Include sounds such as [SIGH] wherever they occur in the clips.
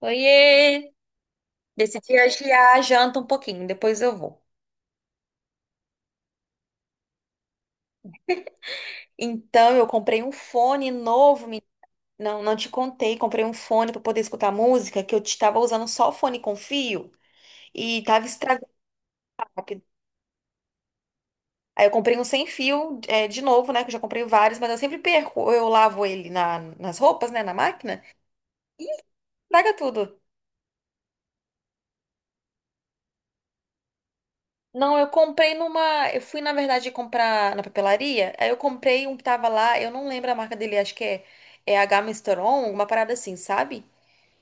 Oiê! Decidi adiar a janta um pouquinho, depois eu vou. Então, eu comprei um fone novo, não, não te contei, comprei um fone para poder escutar música, que eu estava usando só o fone com fio e tava estragado. Aí eu comprei um sem fio, é, de novo, né, que eu já comprei vários, mas eu sempre perco, eu lavo ele nas roupas, né, na máquina, estraga tudo. Não, eu comprei numa. Eu fui, na verdade, comprar na papelaria. Aí eu comprei um que tava lá, eu não lembro a marca dele, acho que é H Misteron, alguma parada assim, sabe?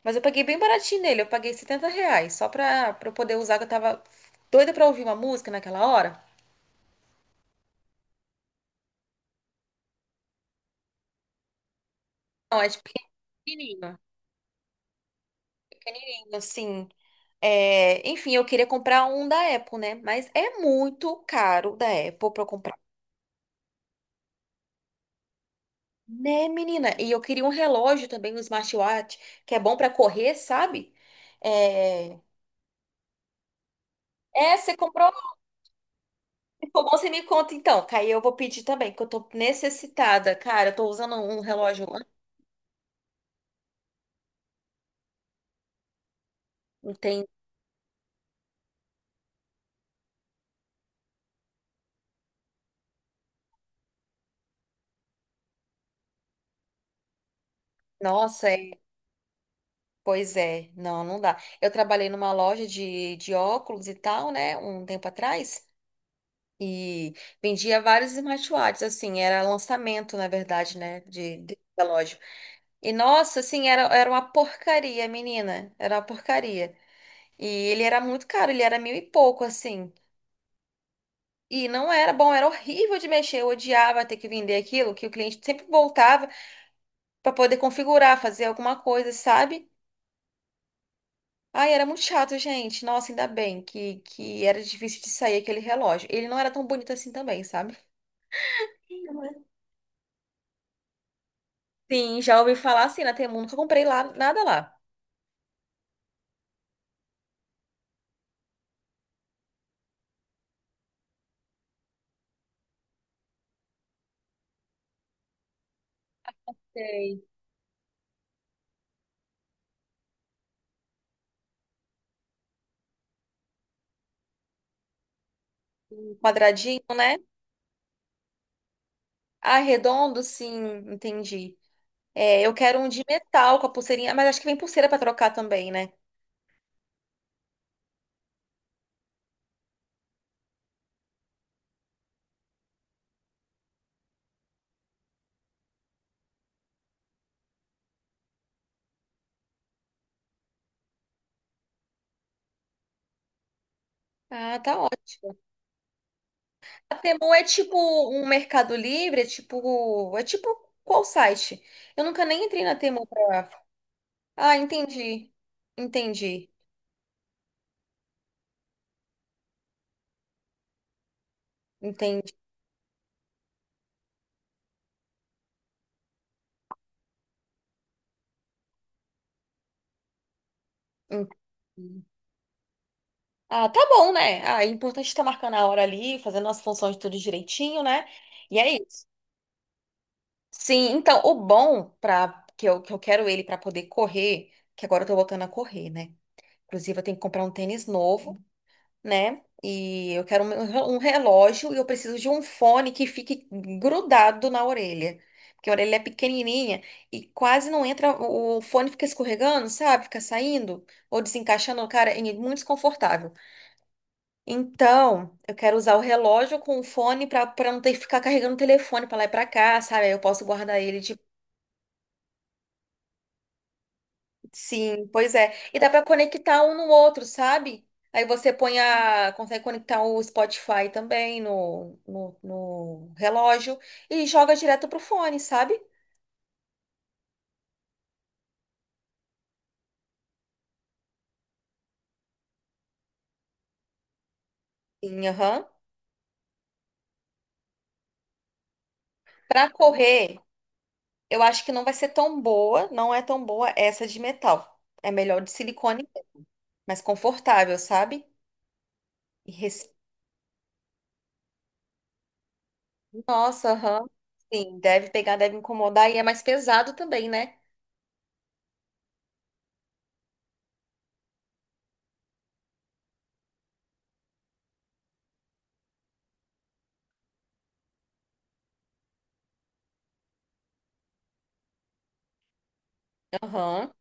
Mas eu paguei bem baratinho nele, eu paguei 70 reais, só pra eu poder usar, que eu tava doida pra ouvir uma música naquela hora. Não, é de pequenininho, assim, enfim, eu queria comprar um da Apple, né? Mas é muito caro da Apple pra eu comprar. Né, menina? E eu queria um relógio também, um smartwatch, que é bom pra correr, sabe? É, é, você comprou. Se bom, você me conta então, que aí eu vou pedir também, que eu tô necessitada. Cara, eu tô usando um relógio. Não tem. Nossa, pois é. Não, não dá. Eu trabalhei numa loja de óculos e tal, né, um tempo atrás. E vendia vários smartwatches, assim, era lançamento, na verdade, né, da loja. E nossa, assim, era uma porcaria, menina. Era uma porcaria. E ele era muito caro, ele era mil e pouco, assim. E não era bom, era horrível de mexer. Eu odiava ter que vender aquilo, que o cliente sempre voltava para poder configurar, fazer alguma coisa, sabe? Ai, era muito chato, gente. Nossa, ainda bem que era difícil de sair aquele relógio. Ele não era tão bonito assim também, sabe? Sim, já ouvi falar assim na Temu, nunca comprei lá, nada lá. Um quadradinho, né? Ah, redondo, sim, entendi. É, eu quero um de metal com a pulseirinha, mas acho que vem pulseira para trocar também, né? Ah, tá ótimo. A Temu é tipo um Mercado Livre, é tipo qual site? Eu nunca nem entrei na Temu pra... Ah, entendi. Entendi. Entendi. Entendi. Ah, tá bom, né? Ah, é importante estar marcando a hora ali, fazendo as funções tudo direitinho, né? E é isso. Sim, então o bom que eu quero ele para poder correr, que agora eu tô voltando a correr, né? Inclusive eu tenho que comprar um tênis novo, né? E eu quero um relógio e eu preciso de um fone que fique grudado na orelha. Porque a orelha é pequenininha e quase não entra, o fone fica escorregando, sabe? Fica saindo ou desencaixando, cara, é muito desconfortável. Então, eu quero usar o relógio com o fone para não ter que ficar carregando o telefone para lá e para cá, sabe? Aí eu posso guardar ele. Sim, pois é. E dá pra conectar um no outro, sabe? Aí você põe a, consegue conectar o Spotify também no relógio e joga direto pro fone, sabe? Sim, aham. Pra correr, eu acho que não vai ser tão boa, não é tão boa essa de metal. É melhor de silicone, mais confortável, sabe? E res- Nossa, aham. Sim, deve pegar, deve incomodar e é mais pesado também, né? Aham.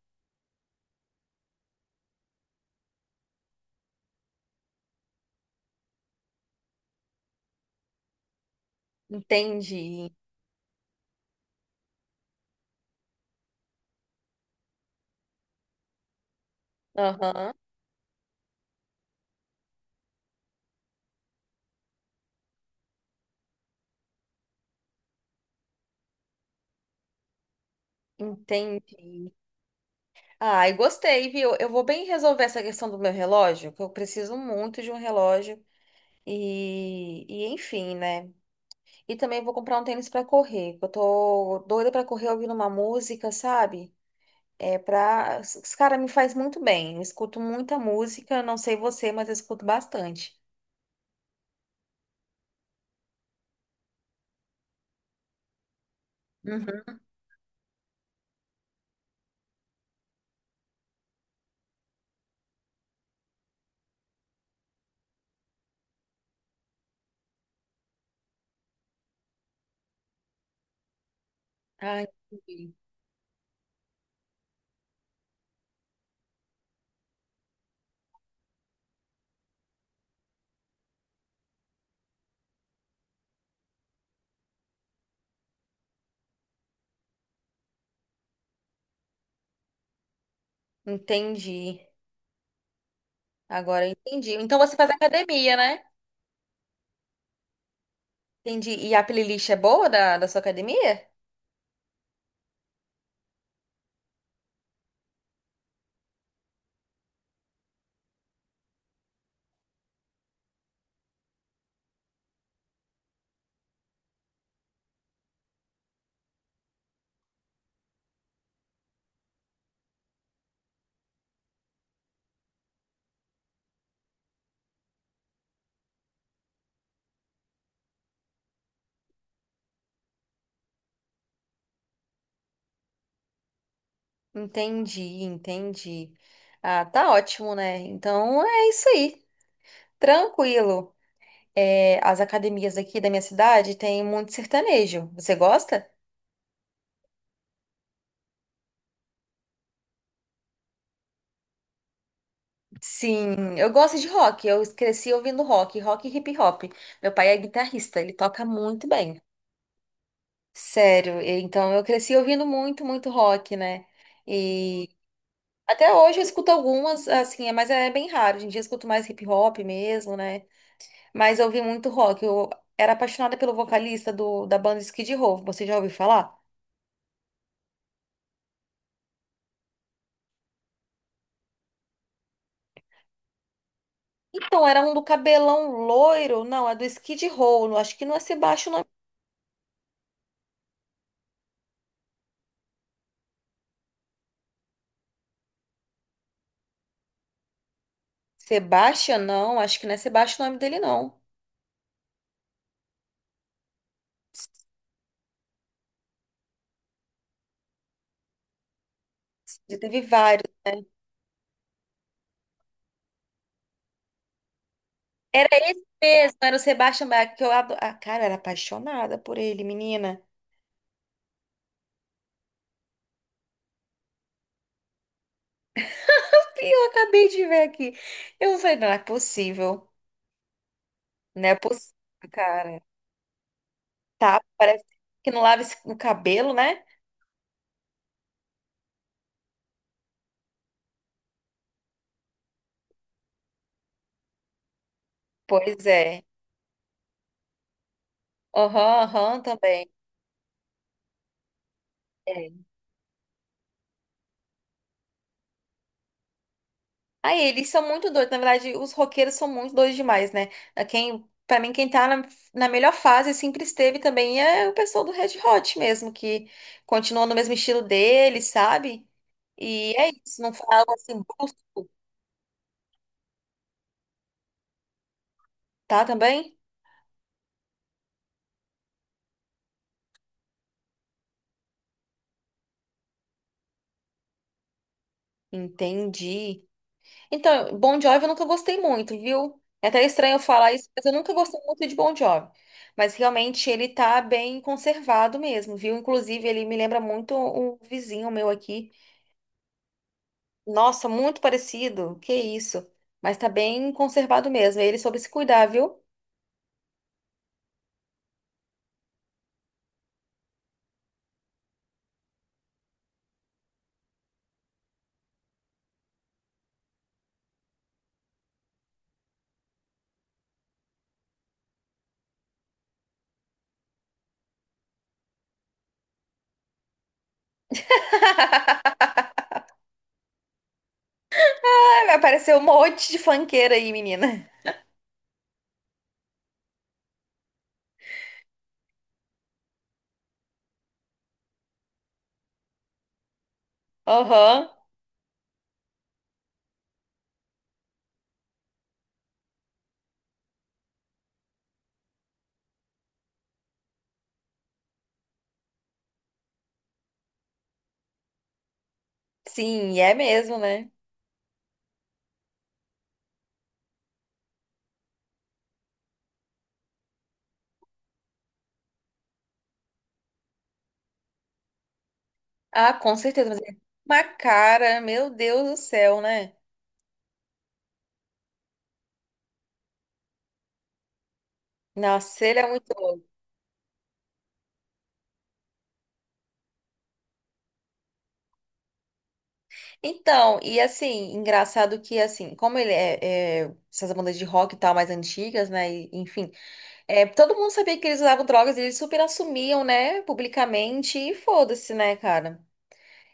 Entendi. Aham. Entendi. Ai, gostei, viu? Eu vou bem resolver essa questão do meu relógio, que eu preciso muito de um relógio. E enfim, né? E também vou comprar um tênis pra correr, que eu tô doida pra correr ouvindo uma música, sabe? É pra. Os cara me faz muito bem. Eu escuto muita música, não sei você, mas eu escuto bastante. Uhum. Ah, entendi. Entendi. Agora eu entendi. Então você faz academia, né? Entendi. E a playlist é boa da sua academia? Entendi, entendi. Ah, tá ótimo, né? Então é isso aí, tranquilo. É, as academias aqui da minha cidade têm muito sertanejo. Você gosta? Sim, eu gosto de rock. Eu cresci ouvindo rock, rock e hip hop. Meu pai é guitarrista, ele toca muito bem. Sério, então eu cresci ouvindo muito, muito rock, né? E até hoje eu escuto algumas, assim, mas é bem raro. Hoje em dia eu escuto mais hip hop mesmo, né? Mas eu ouvi muito rock. Eu era apaixonada pelo vocalista da banda Skid Row. Você já ouviu falar? Então, era um do cabelão loiro. Não, é do Skid Row. Não, acho que não é Sebastião o nome. Sebastian, não. Acho que não é Sebastião o nome dele, não. Já teve vários, né? Era esse mesmo. Era o Sebastian Bach, que eu adoro. Ah, cara, eu era apaixonada por ele, menina. E eu acabei de ver aqui. Eu falei, não é possível. Não é possível, cara. Tá, parece que não lava o cabelo, né? Pois é. Aham, aham, também. É. Aí, eles são muito doidos. Na verdade, os roqueiros são muito doidos demais, né? Quem, pra mim, quem tá na melhor fase sempre esteve também é o pessoal do Red Hot mesmo, que continua no mesmo estilo deles, sabe? E é isso, não foi algo assim brusco, tá? Também? Entendi. Então, Bon Jovi eu nunca gostei muito, viu? É até estranho eu falar isso, mas eu nunca gostei muito de Bon Jovi. Mas realmente ele tá bem conservado mesmo, viu? Inclusive, ele me lembra muito um vizinho meu aqui. Nossa, muito parecido. Que isso? Mas tá bem conservado mesmo. Ele soube se cuidar, viu? [LAUGHS] Ai, vai aparecer um monte de funkeira aí, menina. Aham. Sim, é mesmo, né? Ah, com certeza. Mas é uma cara, meu Deus do céu, né? Nossa, ele é muito. Então, e assim, engraçado que assim, como ele é, essas bandas de rock e tal mais antigas, né? E, enfim, todo mundo sabia que eles usavam drogas, e eles super assumiam, né, publicamente, e foda-se, né, cara?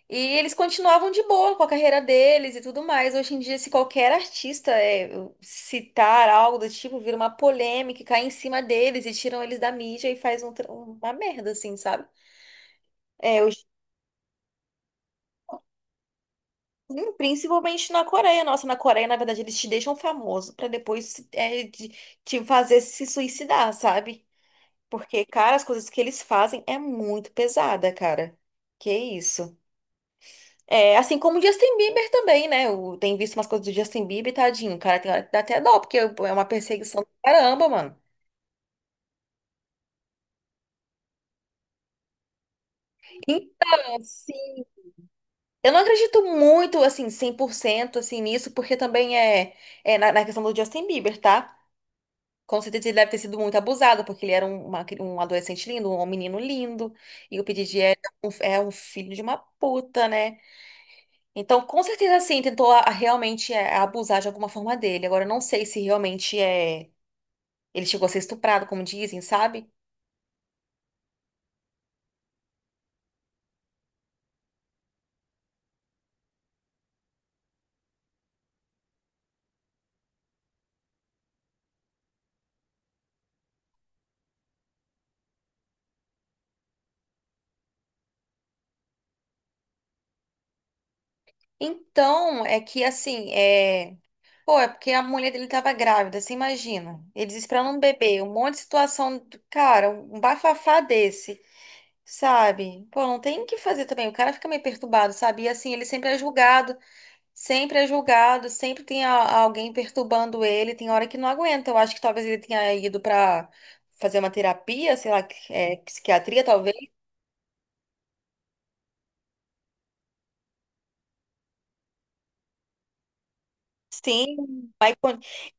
E eles continuavam de boa com a carreira deles e tudo mais. Hoje em dia, se qualquer artista citar algo do tipo, vira uma polêmica, e cai em cima deles e tiram eles da mídia e faz um uma merda, assim, sabe? É, sim, principalmente na Coreia. Nossa, na Coreia, na verdade, eles te deixam famoso pra depois te fazer se suicidar, sabe? Porque, cara, as coisas que eles fazem é muito pesada, cara. Que isso. É, assim como o Justin Bieber também, né? Eu tenho visto umas coisas do Justin Bieber, tadinho, cara, tem hora que dá até dó, porque é uma perseguição do caramba, mano. Então, assim, eu não acredito muito, assim, 100% assim, nisso, porque também na questão do Justin Bieber, tá? Com certeza ele deve ter sido muito abusado, porque ele era um adolescente lindo, um menino lindo, e o Pedidi é um filho de uma puta, né? Então, com certeza, sim, tentou a realmente abusar de alguma forma dele. Agora, eu não sei se realmente ele chegou a ser estuprado, como dizem, sabe? Então, é que assim, é. Pô, é porque a mulher dele tava grávida, você imagina. Ele esperando um bebê, um monte de situação, cara, um bafafá desse. Sabe? Pô, não tem o que fazer também. O cara fica meio perturbado, sabe? E assim, ele sempre é julgado, sempre é julgado, sempre tem alguém perturbando ele. Tem hora que não aguenta. Eu acho que talvez ele tenha ido pra fazer uma terapia, sei lá, psiquiatria, talvez. Sim,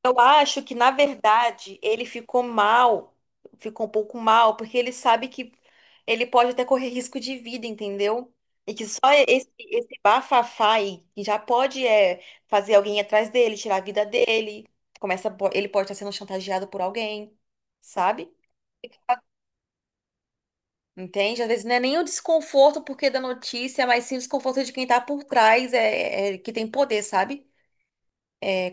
eu acho que, na verdade, ele ficou mal, ficou um pouco mal, porque ele sabe que ele pode até correr risco de vida, entendeu? E que só esse bafafá aí que já pode fazer alguém ir atrás dele, tirar a vida dele, começa, ele pode estar sendo chantageado por alguém, sabe? Entende? Às vezes não é nem o desconforto porque da notícia, mas sim o desconforto de quem tá por trás, que tem poder, sabe? É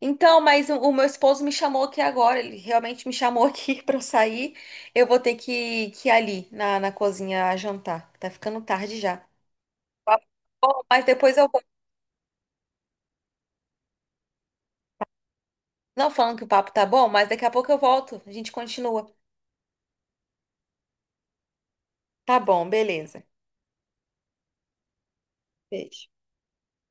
Então, mas o meu esposo me chamou aqui agora, ele realmente me chamou aqui [LAUGHS] pra eu sair. Eu vou ter que ir ali na cozinha jantar. Tá ficando tarde já. O papo tá bom, mas depois eu volto. Não falando que o papo tá bom, mas daqui a pouco eu volto. A gente continua. Tá bom, beleza. Beijo.